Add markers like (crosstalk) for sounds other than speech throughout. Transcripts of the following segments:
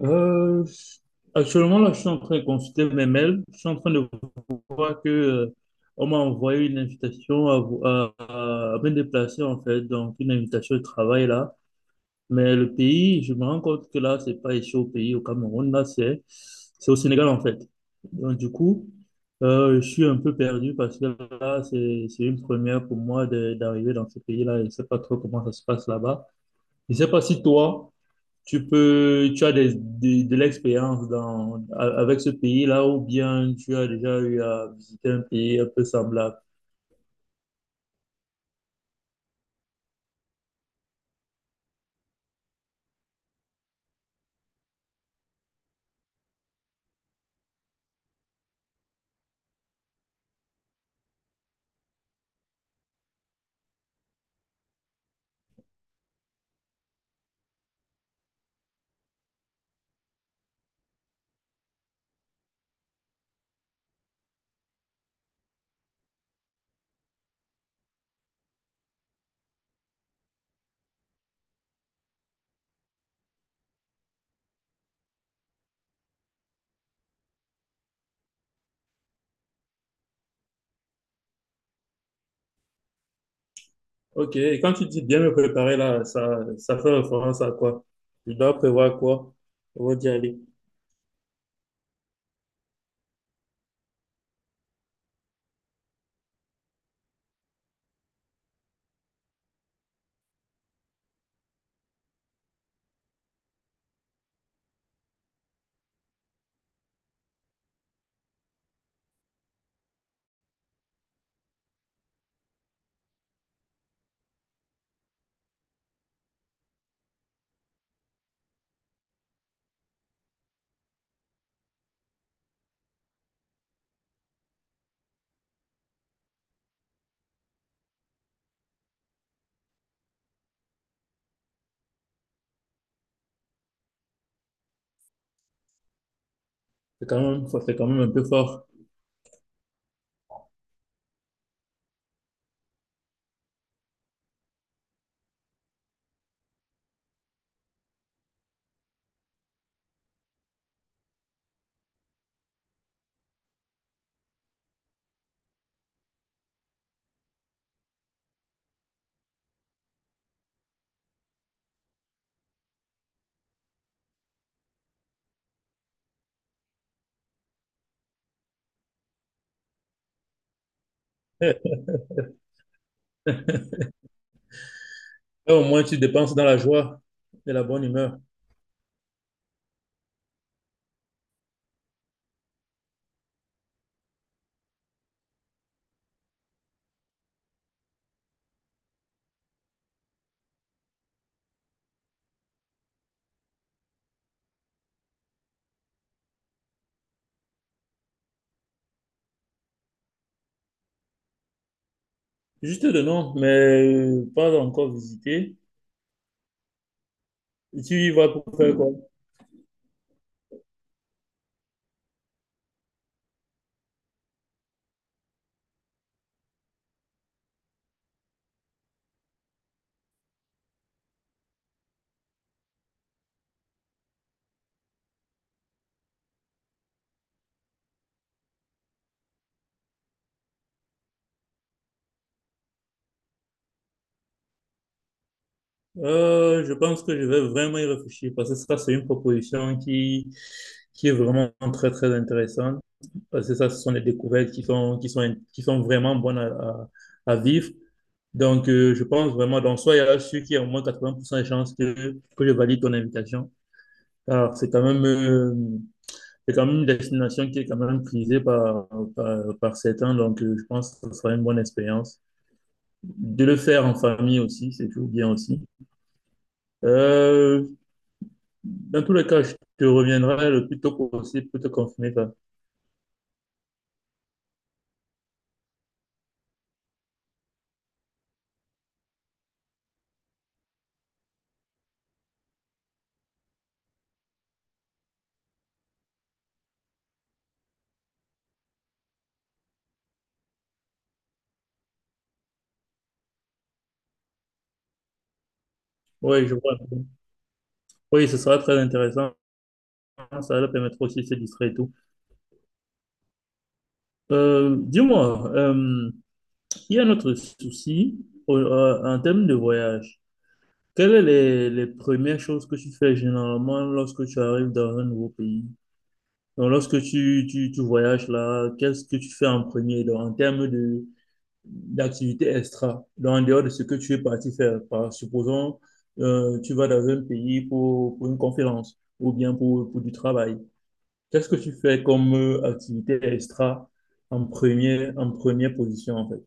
Euh, Actuellement, là, je suis en train de consulter mes mails. Je suis en train de voir que, on m'a envoyé une invitation à, vo- à me déplacer, en fait, donc une invitation de travail, là. Mais le pays, je me rends compte que là, c'est pas ici au pays, au Cameroun, là, c'est au Sénégal, en fait. Donc, du coup, je suis un peu perdu parce que là, c'est une première pour moi d'arriver dans ce pays-là. Je sais pas trop comment ça se passe là-bas. Je sais pas si toi, tu peux, tu as de l'expérience dans, avec ce pays-là ou bien tu as déjà eu à visiter un pays un peu semblable. Ok, et quand tu dis bien me préparer là, ça fait référence à quoi? Je dois prévoir quoi avant d'y aller? C'est quand même un peu fort. (laughs) Eh, au moins, tu dépenses dans la joie et la bonne humeur. Juste de nom, mais pas encore visité. Et tu y vas pour faire quoi? Je pense que je vais vraiment y réfléchir parce que ça, c'est une proposition qui est vraiment très, très intéressante. Parce que ça, ce sont des découvertes qui sont vraiment bonnes à vivre. Donc, je pense vraiment, donc, soit il y a sûr qu'il y a au moins 80% de chances que je valide ton invitation. Alors, c'est quand même une destination qui est quand même prisée par certains. Donc, je pense que ce sera une bonne expérience. De le faire en famille aussi, c'est toujours bien aussi. Euh, Dans tous les cas, je te reviendrai le plus tôt possible pour te confirmer ça. Oui, je vois. Oui, ce sera très intéressant. Ça leur permettra aussi de se distraire et tout. Dis-moi, il y a un autre souci en termes de voyage. Quelles sont les premières choses que tu fais généralement lorsque tu arrives dans un nouveau pays? Donc, lorsque tu voyages là, qu'est-ce que tu fais en premier donc, en termes de, d'activités extra, donc en dehors de ce que tu es parti faire. Par, supposons, tu vas dans un pays pour une conférence ou bien pour du travail. Qu'est-ce que tu fais comme activité extra en première position, en fait?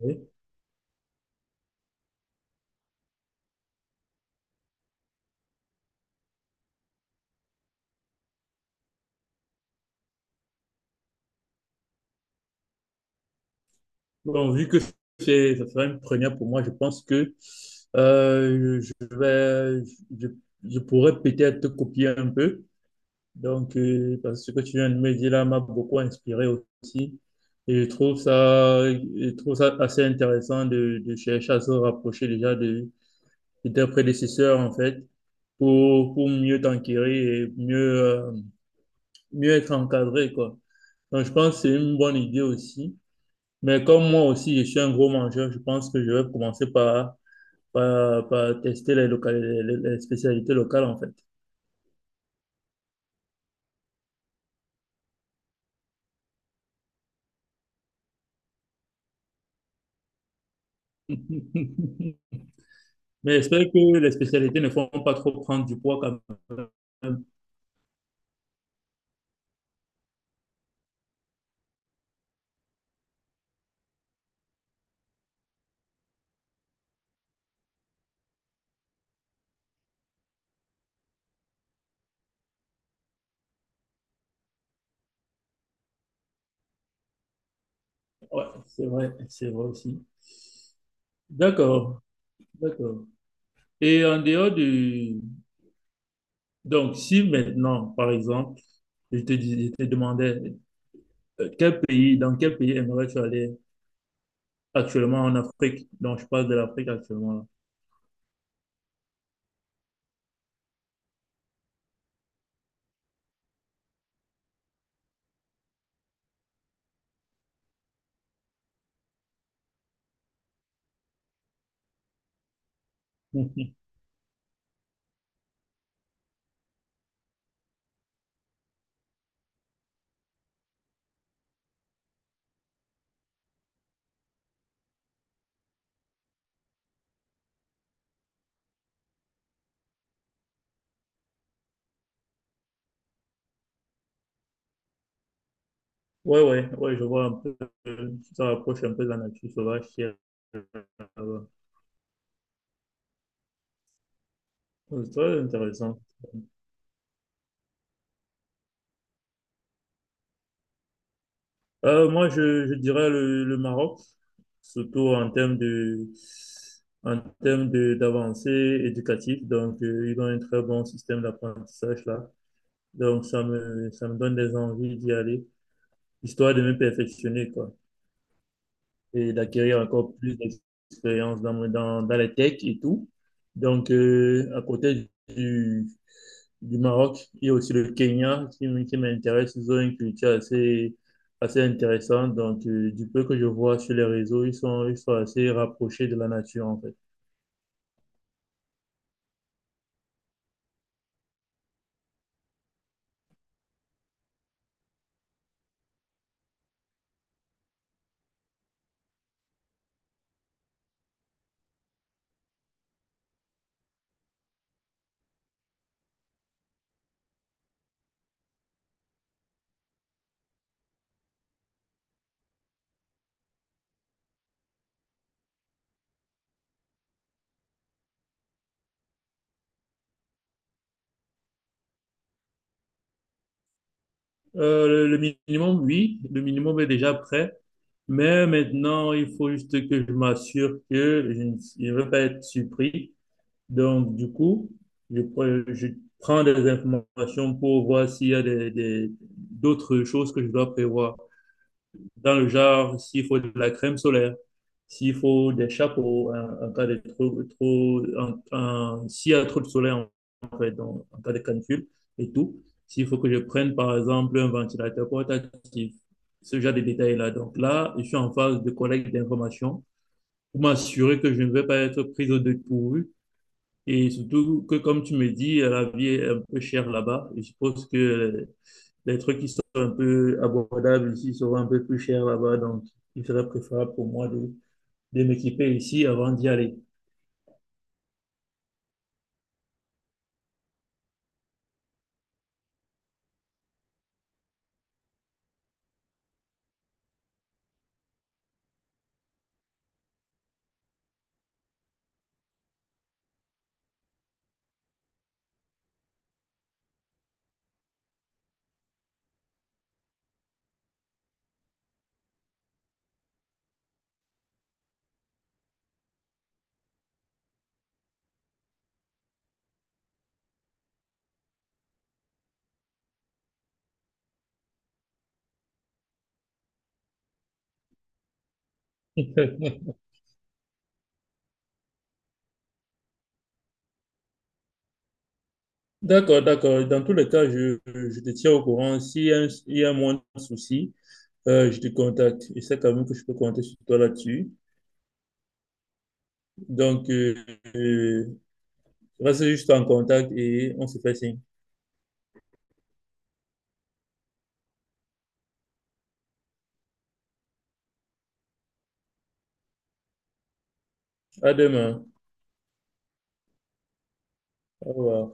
Oui. Bon, vu que c'est, ça sera une première pour moi, je pense que je vais, je, je pourrais peut-être te copier un peu. Donc, parce que ce que tu viens de me dire là m'a beaucoup inspiré aussi. Et je trouve ça assez intéressant de chercher à se rapprocher déjà de tes prédécesseurs, en fait, pour mieux t'enquérir et mieux, euh, mieux être encadré, quoi. Donc, je pense que c'est une bonne idée aussi. Mais comme moi aussi, je suis un gros mangeur, je pense que je vais commencer par tester les, les spécialités locales, en fait. (laughs) Mais j'espère que les spécialités ne font pas trop prendre du poids quand même. Ouais, c'est vrai aussi. D'accord, d'accord. Et en dehors du... Donc, si maintenant, par exemple, je te dis, je te demandais, dans quel pays aimerais-tu aller actuellement en Afrique? Donc, je parle de l'Afrique actuellement là. (laughs) Mhm. Ouais, ouais, ouais, je vois un peu, ça rapproche un peu de la nature sauvage qui est là-bas. Ouais, c'est très intéressant. Moi, je dirais le Maroc, surtout en termes de, d'avancée éducative. Donc, ils ont un très bon système d'apprentissage là. Donc, ça me donne des envies d'y aller, histoire de me perfectionner, quoi, et d'acquérir encore plus d'expérience dans, dans les techs et tout. Donc, à côté du Maroc il y a aussi le Kenya qui m'intéresse. Ils ont une culture assez, assez intéressante. Donc, du peu que je vois sur les réseaux, ils sont assez rapprochés de la nature, en fait. Le minimum, oui, le minimum est déjà prêt. Mais maintenant, il faut juste que je m'assure que je ne vais pas être surpris. Donc, du coup, je prends des informations pour voir s'il y a d'autres choses que je dois prévoir, dans le genre, s'il faut de la crème solaire, s'il faut des chapeaux, en cas de s'il y a trop de soleil, en fait, donc, en cas de canicule et tout, s'il faut que je prenne, par exemple, un ventilateur portatif, ce genre de détails-là. Donc là, je suis en phase de collecte d'informations pour m'assurer que je ne vais pas être prise au dépourvu. Et surtout que, comme tu me dis, la vie est un peu chère là-bas. Je suppose que les trucs qui sont un peu abordables ici seront un peu plus chers là-bas. Donc, il serait préférable pour moi de m'équiper ici avant d'y aller. (laughs) D'accord, d'accord. Dans tous les cas, je te tiens au courant. S'il y a, il y a moins de soucis, je te contacte. Je sais quand même que je peux compter sur toi là-dessus. Donc, euh, reste juste en contact et on se fait signe. À demain. Au revoir.